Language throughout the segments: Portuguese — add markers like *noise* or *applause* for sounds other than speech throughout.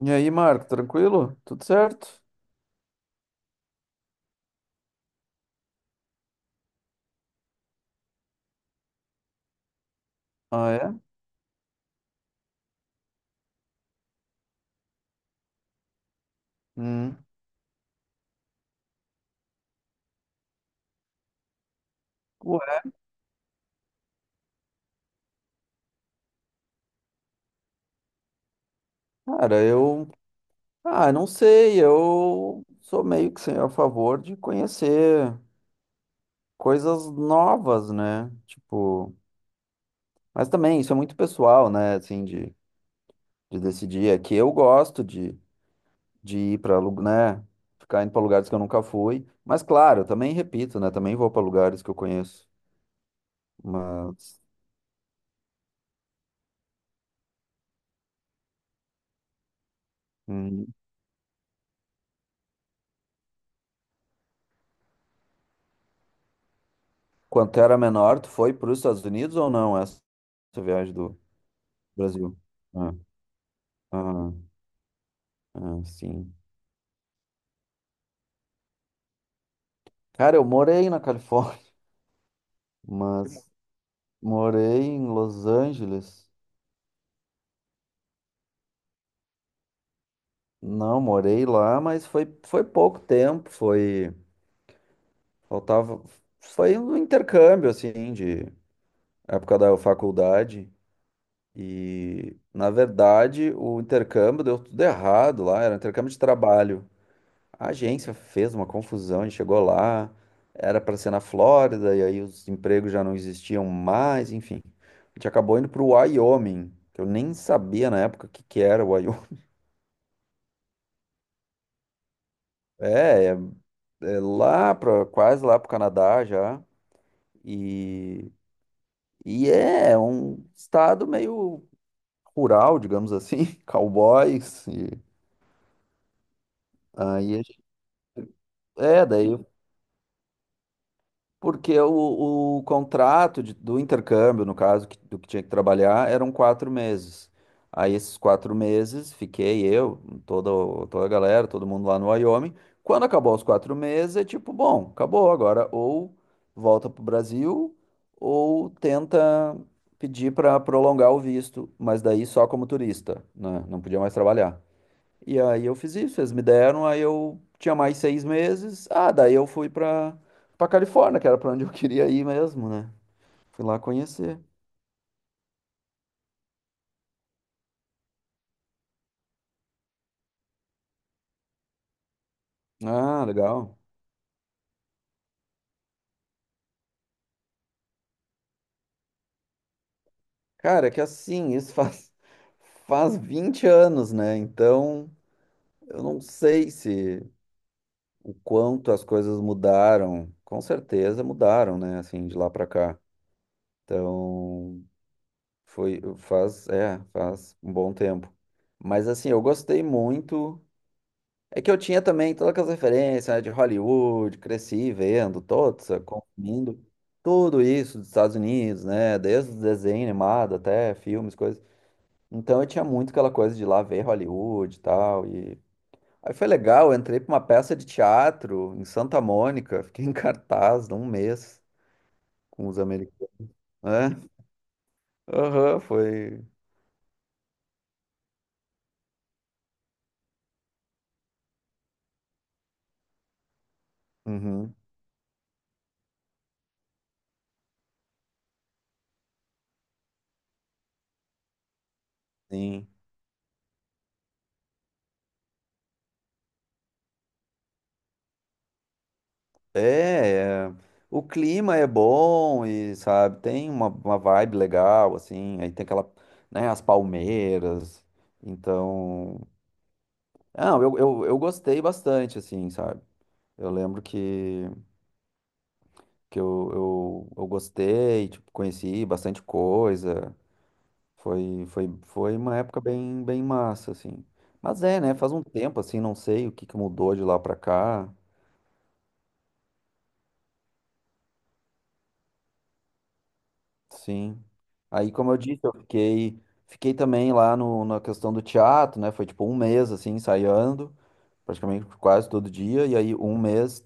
E aí, Marco, tranquilo? Tudo certo? Ah, é? Hum. Ué, cara, eu. Ah, não sei, eu sou meio que sem a favor de conhecer coisas novas, né? Tipo. Mas também isso é muito pessoal, né? Assim, de, decidir. É que eu gosto de ir pra, né? Ficar indo pra lugares que eu nunca fui. Mas, claro, eu também repito, né? Também vou pra lugares que eu conheço. Mas. hum, Quando tu era menor, tu foi para os Estados Unidos ou não? Essa viagem do Brasil. Ah, ah, ah, sim. Cara, eu morei na Califórnia, mas morei em Los Angeles. Não, morei lá, mas foi pouco tempo, foi, faltava, foi um intercâmbio, assim, de época da faculdade. E, na verdade, o intercâmbio deu tudo errado lá, era um intercâmbio de trabalho. A agência fez uma confusão, a gente chegou lá, era para ser na Flórida, e aí os empregos já não existiam mais, enfim. A gente acabou indo para o Wyoming, que eu nem sabia na época o que que era o Wyoming. *laughs* É, é, é, lá para quase lá para o Canadá já, e, e é um estado meio rural, digamos assim, *laughs* cowboys, e aí é, daí porque o contrato do intercâmbio, no caso, do que tinha que trabalhar, eram 4 meses. Aí esses 4 meses fiquei eu, toda a galera, todo mundo lá no Wyoming. Quando acabou os 4 meses, é tipo, bom, acabou agora. Ou volta pro Brasil, ou tenta pedir para prolongar o visto, mas daí só como turista, né? Não podia mais trabalhar. E aí eu fiz isso, eles me deram, aí eu tinha mais 6 meses. Ah, daí eu fui pra, Califórnia, que era pra onde eu *laughs* queria ir mesmo, né? Fui lá conhecer. Ah, legal. Cara, é que assim, isso faz 20 anos, né? Então, eu não sei se o quanto as coisas mudaram. Com certeza mudaram, né? Assim, de lá pra cá. Então, foi, faz, faz um bom tempo. Mas assim, eu gostei muito. É que eu tinha também todas aquelas referências, né, de Hollywood, cresci vendo, todos, consumindo tudo isso dos Estados Unidos, né? Desde desenho animado até filmes, coisas. Então eu tinha muito aquela coisa de ir lá ver Hollywood e tal. E aí foi legal, eu entrei pra uma peça de teatro em Santa Mônica, *laughs* fiquei em cartaz de um mês com os americanos. É? Aham, foi. Uhum, sim. É, o clima é bom e, sabe, tem uma, vibe legal, assim, aí tem aquela, né, as palmeiras, então. Não, eu gostei bastante, assim, sabe? Eu lembro que eu gostei, tipo, conheci bastante coisa, foi uma época bem, bem massa, assim. Mas é, né, faz um tempo, assim, não sei o que que mudou de lá pra cá. Sim. Aí, como eu disse, eu fiquei também lá no, na questão do teatro, né? Foi tipo um mês assim, ensaiando, praticamente quase todo dia, e aí um mês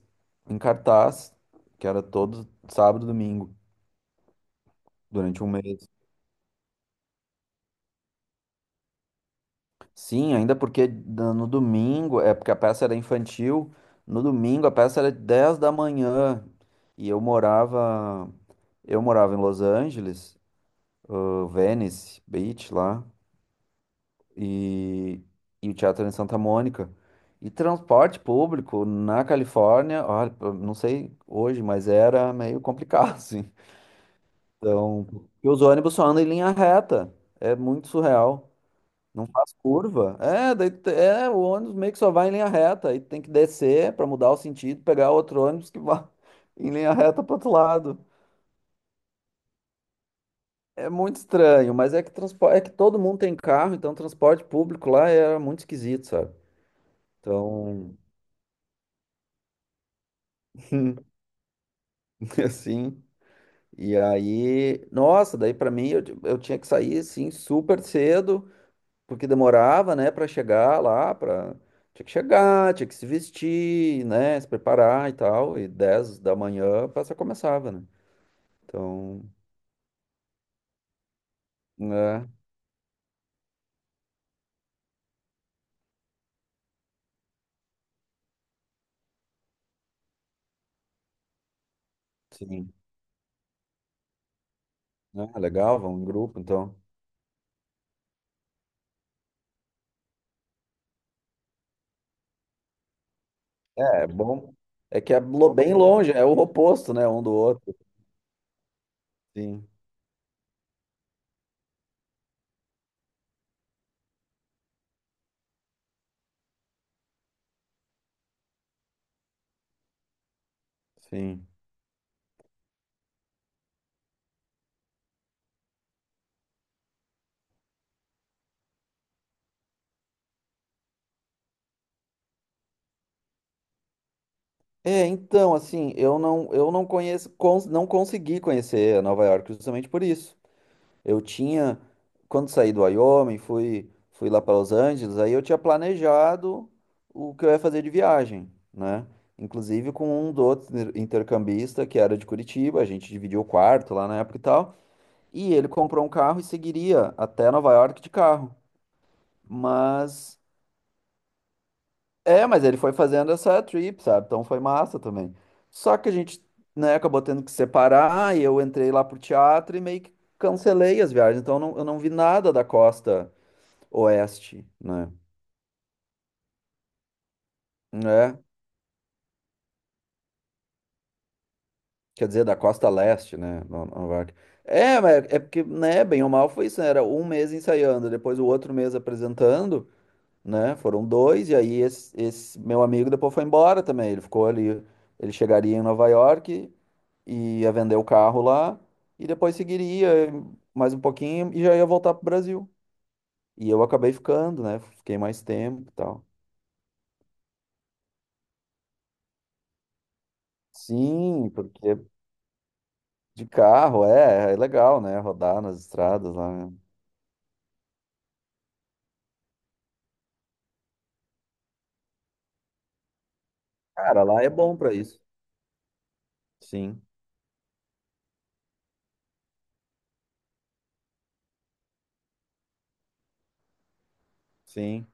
em cartaz, que era todo sábado e domingo, durante um mês. Sim, ainda porque no domingo, é porque a peça era infantil, no domingo a peça era 10 da manhã, e eu morava em Los Angeles, Venice Beach lá. e, e, o teatro é em Santa Mônica. E transporte público na Califórnia, olha, pô, não sei hoje, mas era meio complicado, *laughs* assim. Então, e os ônibus só andam em linha reta. É muito surreal. Não faz curva. É, daí, o ônibus meio que só vai em linha reta. Aí tem que descer para mudar o sentido, pegar outro ônibus que vai *laughs* em linha reta para outro lado. É muito estranho, mas é que transporte, é que todo mundo tem carro, então transporte público lá era muito esquisito, sabe? Então, *laughs* *laughs* assim. E aí, nossa, daí pra mim eu tinha que sair assim super cedo, porque demorava, né, pra chegar lá, para tinha que chegar, tinha que se vestir, né, se preparar e tal, e 10 da manhã a peça começava, né? Então, né, sim. Ah, legal, vão em grupo, então. É, é bom. É que é bem longe, é o oposto, né, um do outro. Sim, sim. É, então, assim, eu não conheço, não consegui conhecer Nova York justamente por isso. Eu tinha, quando saí do Wyoming, fui lá para Los Angeles, aí eu tinha planejado o que eu ia fazer de viagem, né? Inclusive com um do outro intercambista que era de Curitiba, a gente dividiu o quarto lá na época e tal, e ele comprou um carro e seguiria até Nova York de carro. Mas mas, ele foi fazendo essa trip, sabe? Então foi massa também. Só que a gente, né, acabou tendo que separar e eu entrei lá pro teatro e meio que cancelei as viagens. Então eu não vi nada da costa oeste, né? É, quer dizer, da costa leste, né? Nova York. É, mas é porque, né, bem ou mal foi isso, né? Era um mês ensaiando, depois o outro mês apresentando, né? Foram dois, e aí esse meu amigo depois foi embora também. Ele ficou ali, ele chegaria em Nova York, ia vender o carro lá e depois seguiria mais um pouquinho e já ia voltar pro Brasil. E eu acabei ficando, né? Fiquei mais tempo e tal. Sim, porque de carro é legal, né? Rodar nas estradas lá, né? Cara, lá é bom pra isso. Sim, sim.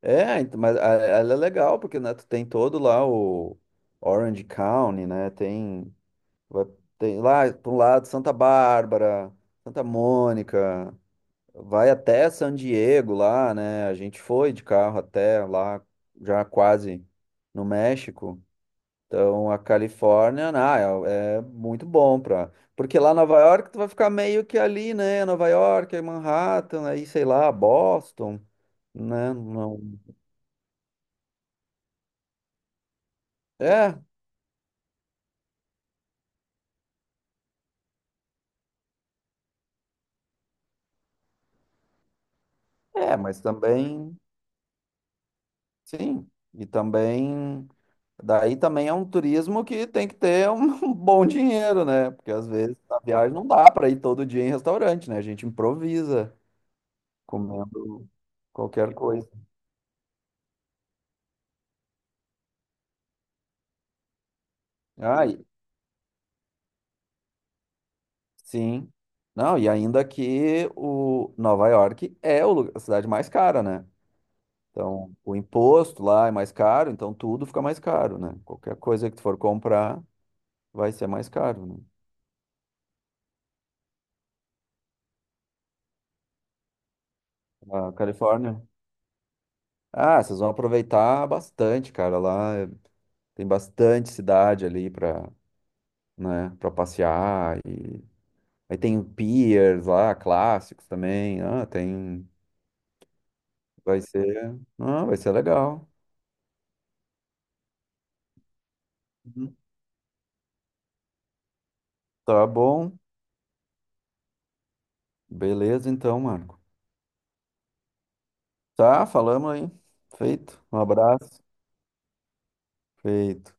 É, então, mas ela é legal porque né, tu tem todo lá o Orange County, né? Tem, vai- tem lá para um lado Santa Bárbara, Santa Mônica. Vai até San Diego lá, né? A gente foi de carro até lá, já quase no México. Então a Califórnia, ah, é muito bom pra. Porque lá em Nova York tu vai ficar meio que ali, né? Nova York, aí Manhattan, aí sei lá, Boston, né? Não. É, é, mas também, sim. E também. Daí também é um turismo que tem que ter um *laughs* bom dinheiro, né? Porque às vezes na viagem não dá para ir todo dia em restaurante, né? A gente improvisa comendo qualquer coisa. Ah, sim. Não, e ainda que o Nova York é a cidade mais cara, né? Então, o imposto lá é mais caro, então tudo fica mais caro, né? Qualquer coisa que tu for comprar vai ser mais caro, né? A Califórnia. Ah, vocês vão aproveitar bastante, cara. Lá tem bastante cidade ali pra, né, para passear. E aí tem piers lá, clássicos também. Ah, tem. Vai ser. Ah, vai ser legal. Uhum. Tá bom. Beleza, então, Marco. Tá, falamos aí. Feito. Um abraço. Feito.